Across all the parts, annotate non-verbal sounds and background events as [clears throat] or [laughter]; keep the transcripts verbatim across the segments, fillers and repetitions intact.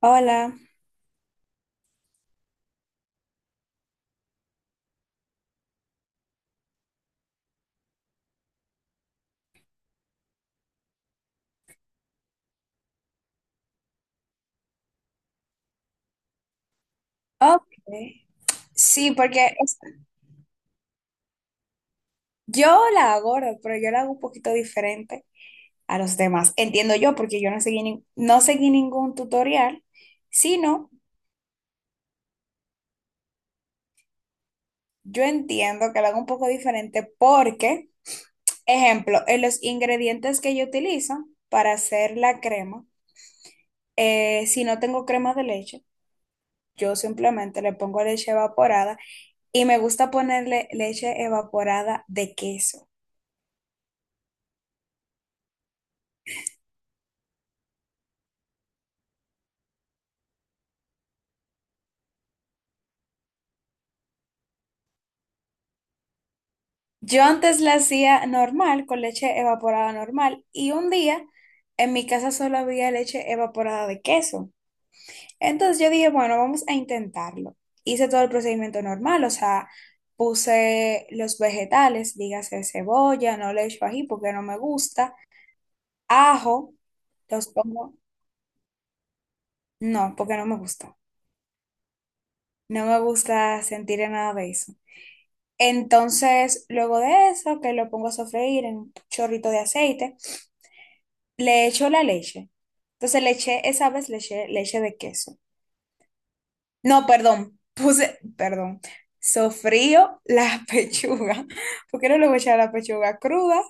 Hola. Ok. Sí, porque es- yo la hago, ¿verdad? Pero yo la hago un poquito diferente a los demás. Entiendo yo, porque yo no seguí, nin- no seguí ningún tutorial, sino yo entiendo que la hago un poco diferente porque, ejemplo, en los ingredientes que yo utilizo para hacer la crema, eh, si no tengo crema de leche, yo simplemente le pongo leche evaporada y me gusta ponerle leche evaporada de queso. Yo antes la hacía normal, con leche evaporada normal, y un día en mi casa solo había leche evaporada de queso. Entonces yo dije, bueno, vamos a intentarlo. Hice todo el procedimiento normal, o sea, puse los vegetales, dígase cebolla, no le echo ají porque no me gusta, ajo, los pongo, no, porque no me gusta. No me gusta sentir nada de eso. Entonces, luego de eso, que lo pongo a sofreír en un chorrito de aceite, le echo la leche. Entonces le eché, esa vez le eché leche de queso. No, perdón, [laughs] puse, perdón, sofrío la [laughs] pechuga, porque no le voy a echar la pechuga cruda.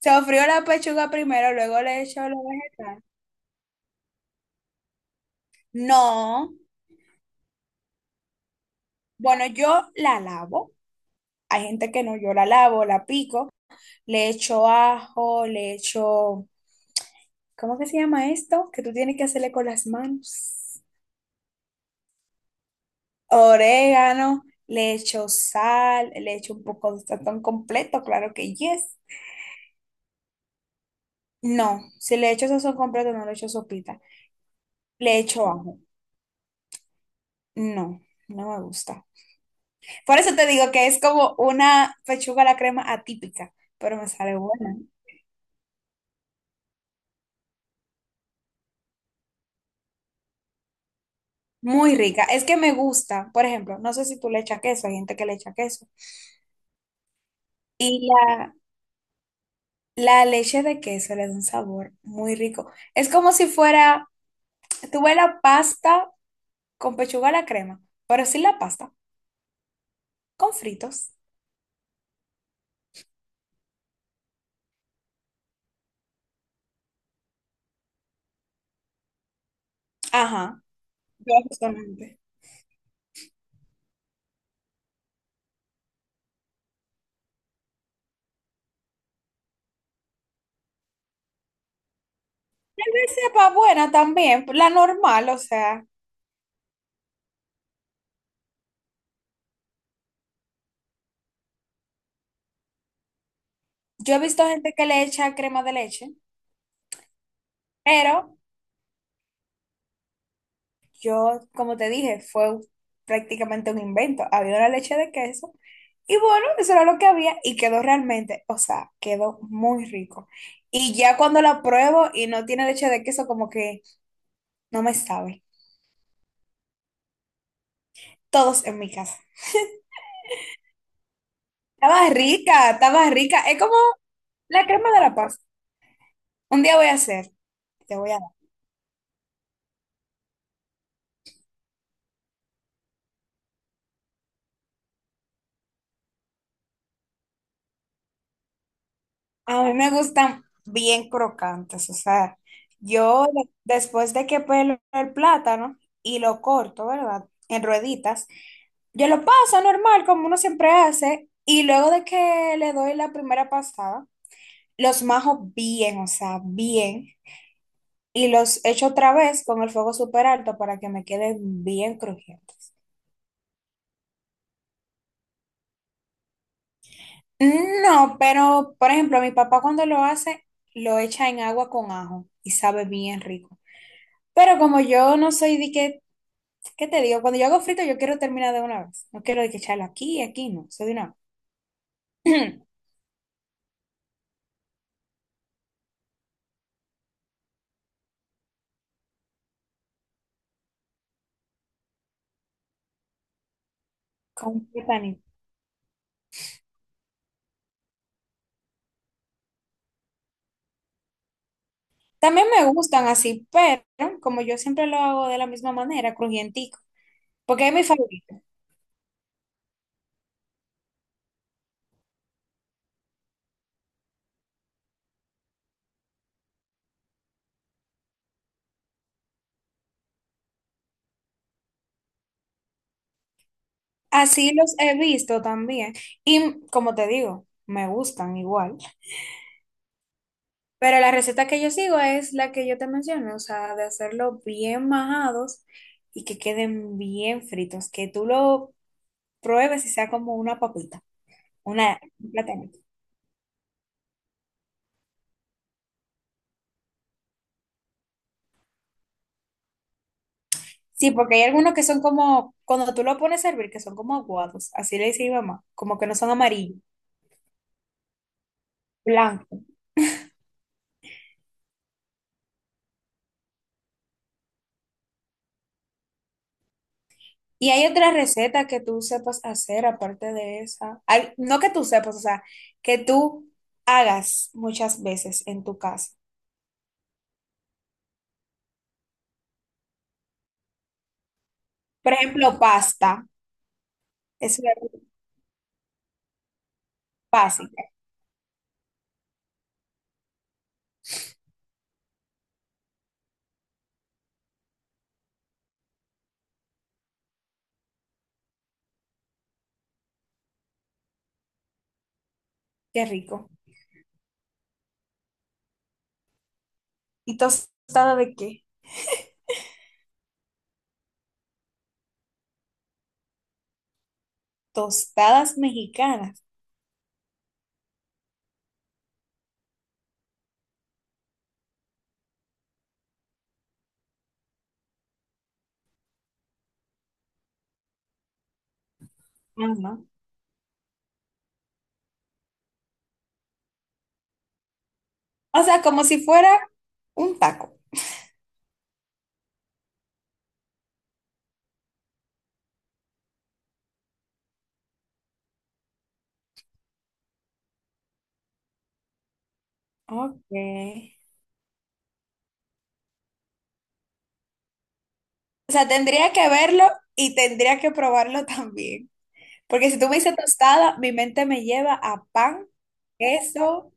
Sofrío la pechuga primero, luego le echo los vegetales. No, bueno, yo la lavo. Hay gente que no, yo la lavo, la pico, le echo ajo, le echo, ¿cómo que se llama esto? Que tú tienes que hacerle con las manos. Orégano, le echo sal, le echo un poco de sazón completo, claro que yes. No, si le echo sazón completo, no le echo sopita. Le echo ajo. No, no me gusta. Por eso te digo que es como una pechuga a la crema atípica, pero me sale buena. Muy rica. Es que me gusta, por ejemplo, no sé si tú le echas queso, hay gente que le echa queso. Y la, la leche de queso le da un sabor muy rico. Es como si fuera, tuve la pasta con pechuga a la crema, pero sin la pasta, con fritos. Ajá, yo justamente. Tal vez sepa buena también, la normal, o sea, yo he visto gente que le echa crema de leche, pero yo, como te dije, fue prácticamente un invento. Había una leche de queso y bueno, eso era lo que había y quedó realmente, o sea, quedó muy rico. Y ya cuando la pruebo y no tiene leche de queso, como que no me sabe. Todos en mi casa. Estaba rica, estaba rica. Es como la crema de la paz. Un día voy a hacer, te voy a dar. A mí me gustan bien crocantes, o sea, yo de- después de que pelo el plátano y lo corto, ¿verdad? En rueditas, yo lo paso normal, como uno siempre hace, y luego de que le doy la primera pasada, los majo bien, o sea, bien, y los echo otra vez con el fuego súper alto para que me queden bien crujientes. No, pero por ejemplo, mi papá cuando lo hace, lo echa en agua con ajo y sabe bien rico. Pero como yo no soy de que, ¿qué te digo? Cuando yo hago frito, yo quiero terminar de una vez. No quiero de que echarlo aquí y aquí, no, soy de una vez. [clears throat] Con platanito. También me gustan así, pero como yo siempre lo hago de la misma manera, crujientico, porque es mi favorito. Así los he visto también. Y como te digo, me gustan igual. Pero la receta que yo sigo es la que yo te mencioné, o sea, de hacerlo bien majados y que queden bien fritos, que tú lo pruebes y sea como una papita, una, un platanito. Sí, porque hay algunos que son como, cuando tú lo pones a hervir, que son como aguados, así le dice mi mamá, como que no son amarillos, blancos. Y hay otra receta que tú sepas hacer aparte de esa. Hay- no que tú sepas, o sea, que tú hagas muchas veces en tu casa. Por ejemplo, pasta, es una- fácil. Qué rico. ¿Y tostada de qué? Tostadas mexicanas. Ajá. O sea, como si fuera un taco. Ok. O sea, tendría que verlo y tendría que probarlo [laughs] también. Porque si tú me dices tostada, mi mente me lleva a pan, queso,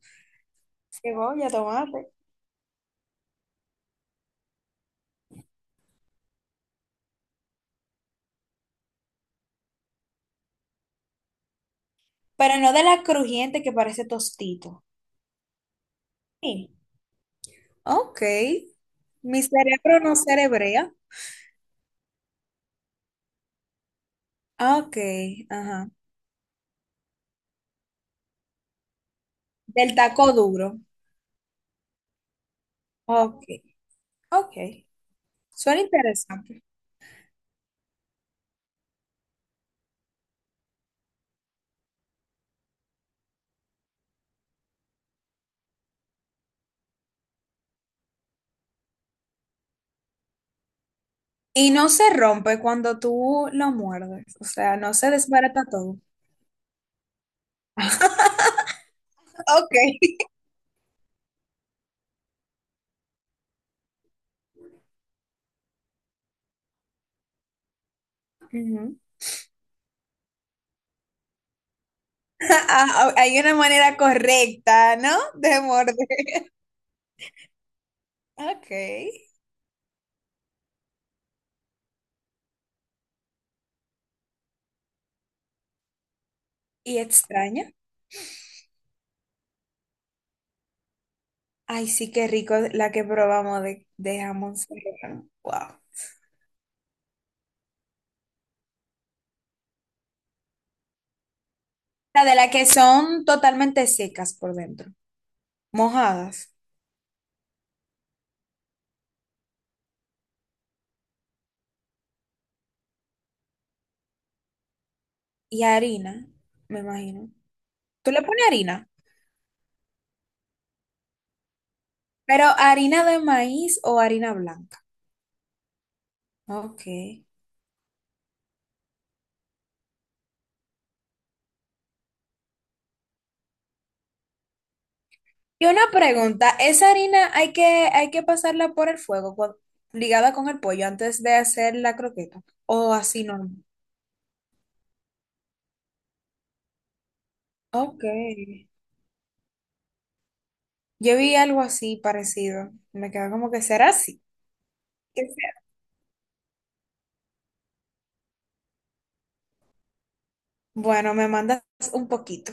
cebolla, tomate. Pero no de la crujiente que parece tostito. Sí. Ok. Mi cerebro no cerebrea. Ok, ajá. Del taco duro. Ok. Ok. Suena interesante. Y no se rompe cuando tú lo muerdes, o sea, no se desbarata todo. [laughs] Ok. Ujú. [laughs] Ah, ah, hay una manera correcta, ¿no? De morder. [laughs] Ok. ¿Y extraña? Ay, sí, qué rico la que probamos de, de jamón serrano. Wow. La de la que son totalmente secas por dentro, mojadas. Y harina, me imagino. Tú le pones harina, pero harina de maíz o harina blanca. Ok. Y una pregunta, ¿esa harina hay que, hay que pasarla por el fuego cu- ligada con el pollo antes de hacer la croqueta? ¿O así no? Ok. Yo vi algo así parecido. Me quedó como que será así. Que sea. Bueno, me mandas un poquito.